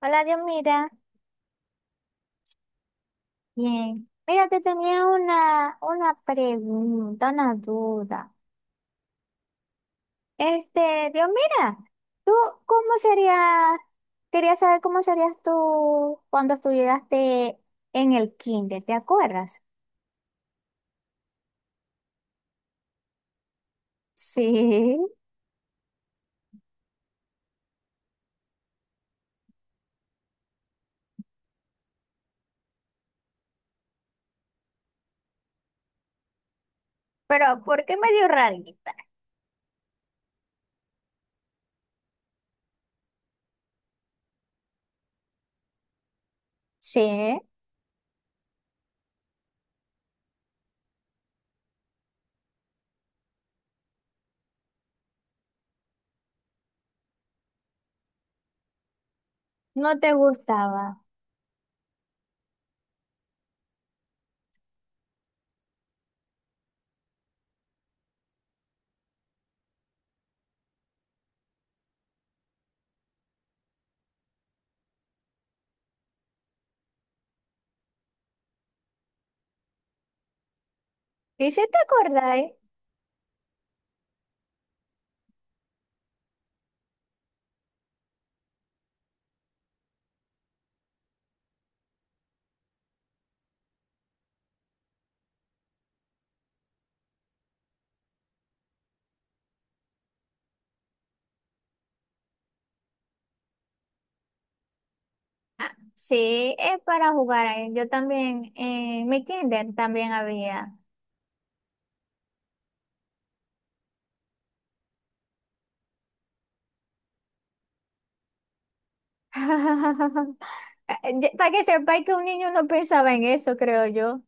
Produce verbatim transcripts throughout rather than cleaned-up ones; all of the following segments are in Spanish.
Hola, Dios, mira. Bien. Mira, te tenía una, una pregunta, una duda. Este, Dios, mira, ¿tú cómo serías? Quería saber cómo serías tú cuando estudiaste en el kinder, ¿te acuerdas? Sí. Pero, ¿por qué medio rarita? Sí, no te gustaba. ¿Y si te acordáis? Ah, sí, es para jugar. eh. Yo también, en mi kinder también había. Ya- Para que sepáis que un niño no pensaba en eso, creo yo.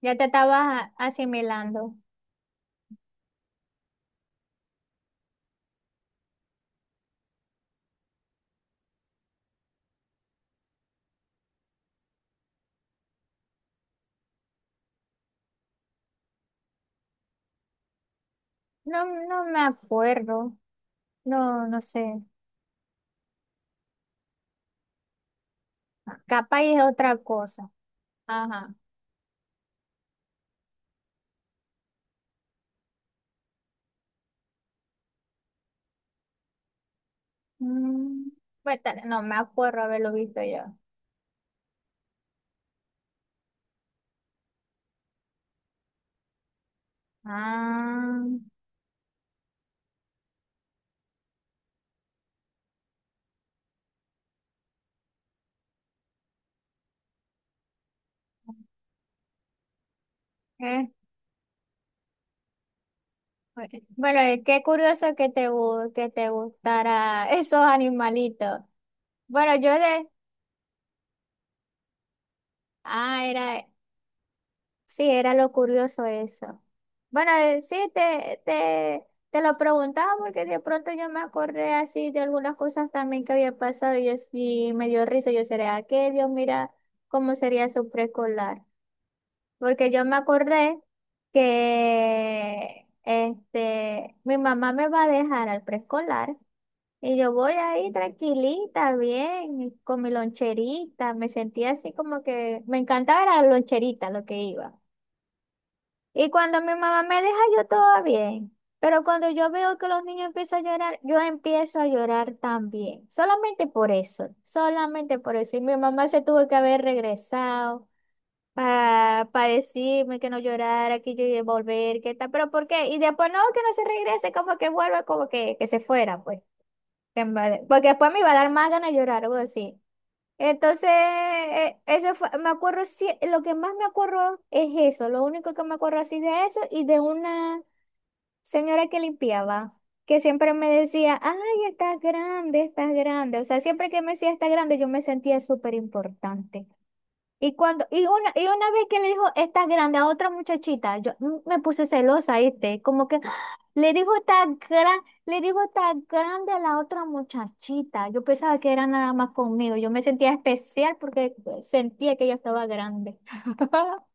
Ya te estabas a- asimilando. No, no me acuerdo. No, no sé. Capaz es otra cosa. Ajá. Mm, pues, tal- no me acuerdo haberlo visto yo. Ah, eh, bue- Bueno, eh, qué curioso que te, gu- que te gustara esos animalitos. Bueno, yo de... Ah, era... Sí, era lo curioso eso. Bueno, eh, sí, te, te, te lo preguntaba porque de pronto yo me acordé así de algunas cosas también que había pasado y, yo, sí me dio risa. Yo sería, que Dios mira cómo sería su preescolar. Porque yo me acordé que este, mi mamá me va a dejar al preescolar y yo voy ahí tranquilita, bien, y con mi loncherita. Me sentía así como que me encantaba era la loncherita lo que iba. Y cuando mi mamá me deja, yo todo bien. Pero cuando yo veo que los niños empiezan a llorar, yo empiezo a llorar también. Solamente por eso, solamente por eso. Y mi mamá se tuvo que haber regresado para decirme que no llorara, que yo iba a volver, que tal. Pero ¿por qué? Y después no, que no se regrese, como que vuelva, como que, que se fuera, pues. Que en vez de- Porque después me iba a dar más ganas de llorar, algo así. Entonces, eh, eso fue- me acuerdo, sí, lo que más me acuerdo es eso, lo único que me acuerdo así de eso y de una señora que limpiaba, que siempre me decía, ay, estás grande, estás grande. O sea, siempre que me decía estás grande, yo me sentía súper importante. Y cuando, y una, y una vez que le dijo, estás grande a otra muchachita, yo mm, me puse celosa, ¿viste? Como que ¡ah! Le dijo, estás gran, le dijo, estás grande a la otra muchachita. Yo pensaba que era nada más conmigo. Yo me sentía especial porque sentía que ella estaba grande.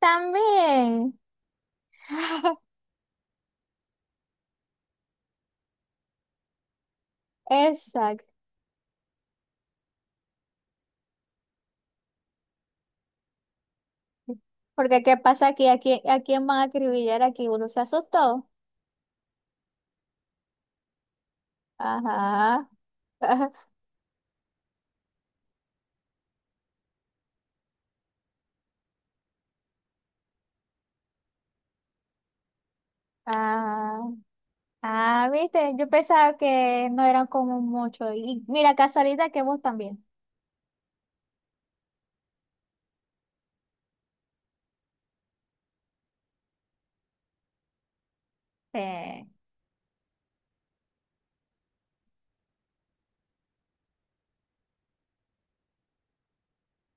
También. Exacto. Porque qué pasa aquí, a quién, a quién van a acribillar aquí, uno se asustó. Ajá. ah, ah, viste, yo pensaba que no eran como mucho. Y mira, casualidad que vos también. Eh,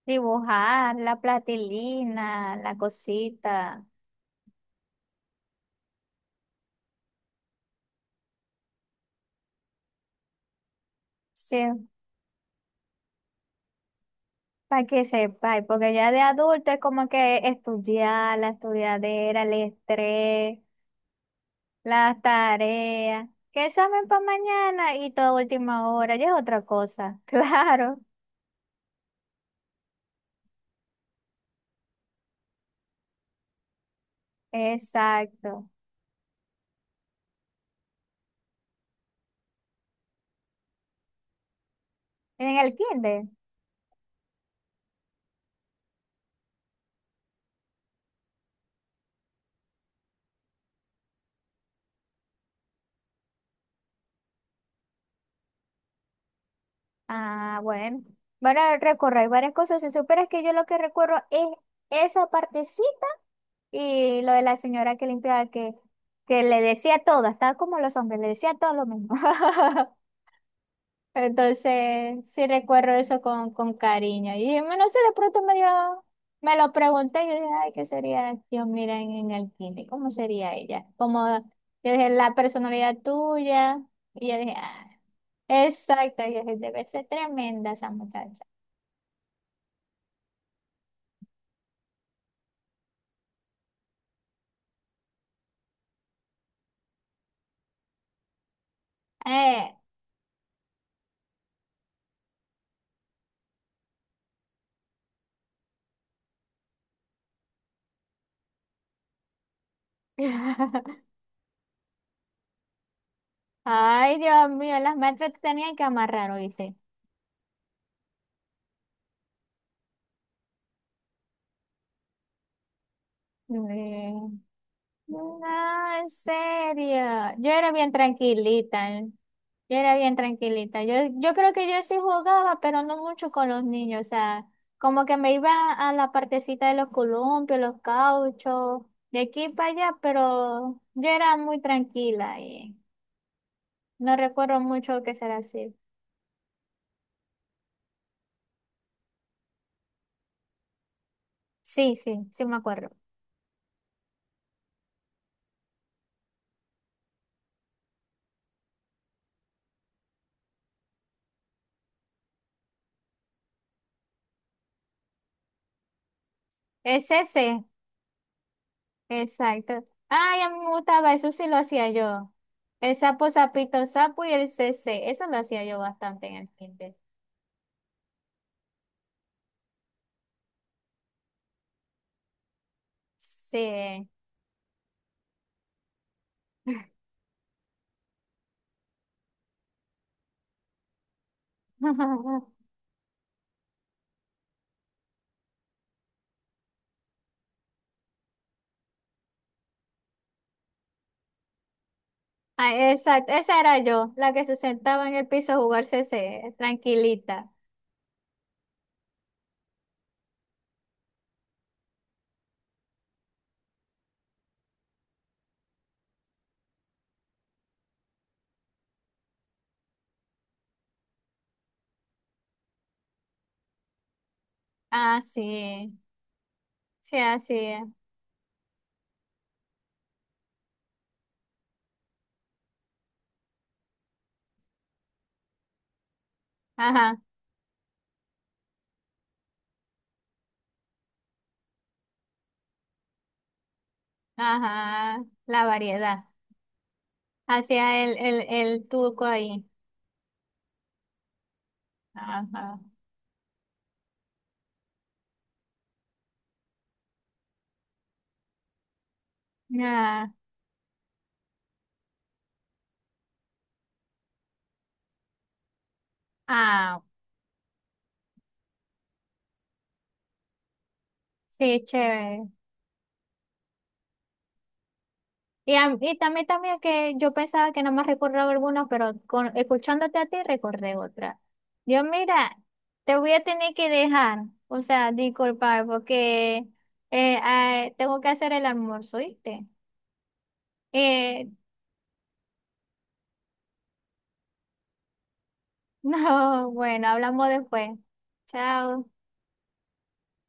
Dibujar, la platilina, la cosita. Sí, para que sepáis, porque ya de adulto es como que estudiar, la estudiadera, el estrés, las tareas, que examen para mañana y toda última hora, ya es otra cosa. Claro, exacto. En el kinder. Ah, bueno. Van a recorrer varias cosas. Si supieras que yo lo que recuerdo es esa partecita y lo de la señora que limpiaba, que, que le decía todo, estaba como los hombres, le decía todo lo mismo. Entonces, sí recuerdo eso con, con cariño. Y dije, no sé, de pronto me dio- me lo pregunté y yo dije, ay, ¿qué sería Dios, mira, en, en el kinder? ¿Cómo sería ella? Como, yo dije, la personalidad tuya. Y yo dije, ah. Exacto, yo dije, debe ser tremenda esa muchacha. Eh. Ay, Dios mío, las maestras te tenían que amarrar, ¿oíste? Eh, No, en serio. Yo era bien tranquilita, ¿eh? Yo era bien tranquilita. Yo, yo creo que yo sí jugaba, pero no mucho con los niños. O sea, como que me iba a la partecita de los columpios, los cauchos, de aquí para allá, pero yo era muy tranquila y no recuerdo mucho que será así. Sí, sí, sí me acuerdo. Es ese, sí, exacto. Ay, a mí me gustaba, eso sí lo hacía yo. El sapo, sapito, sapo y el C C. Eso lo hacía yo bastante en el kinder. Sí. Ay, exacto, esa era yo, la que se sentaba en el piso a jugar C C, tranquilita. Ah, sí, sí, así es. Ajá, ajá, la variedad. Hacía el, el, el turco ahí. Ajá. Ah, ah, sí, chévere. Y, a- y también, también que yo pensaba que nada más recordaba algunos, pero con, escuchándote a ti recordé otra. Yo, mira, te voy a tener que dejar, o sea, disculpar, porque eh, ah, tengo que hacer el almuerzo, ¿viste? Eh, no, bueno, hablamos después. Chao.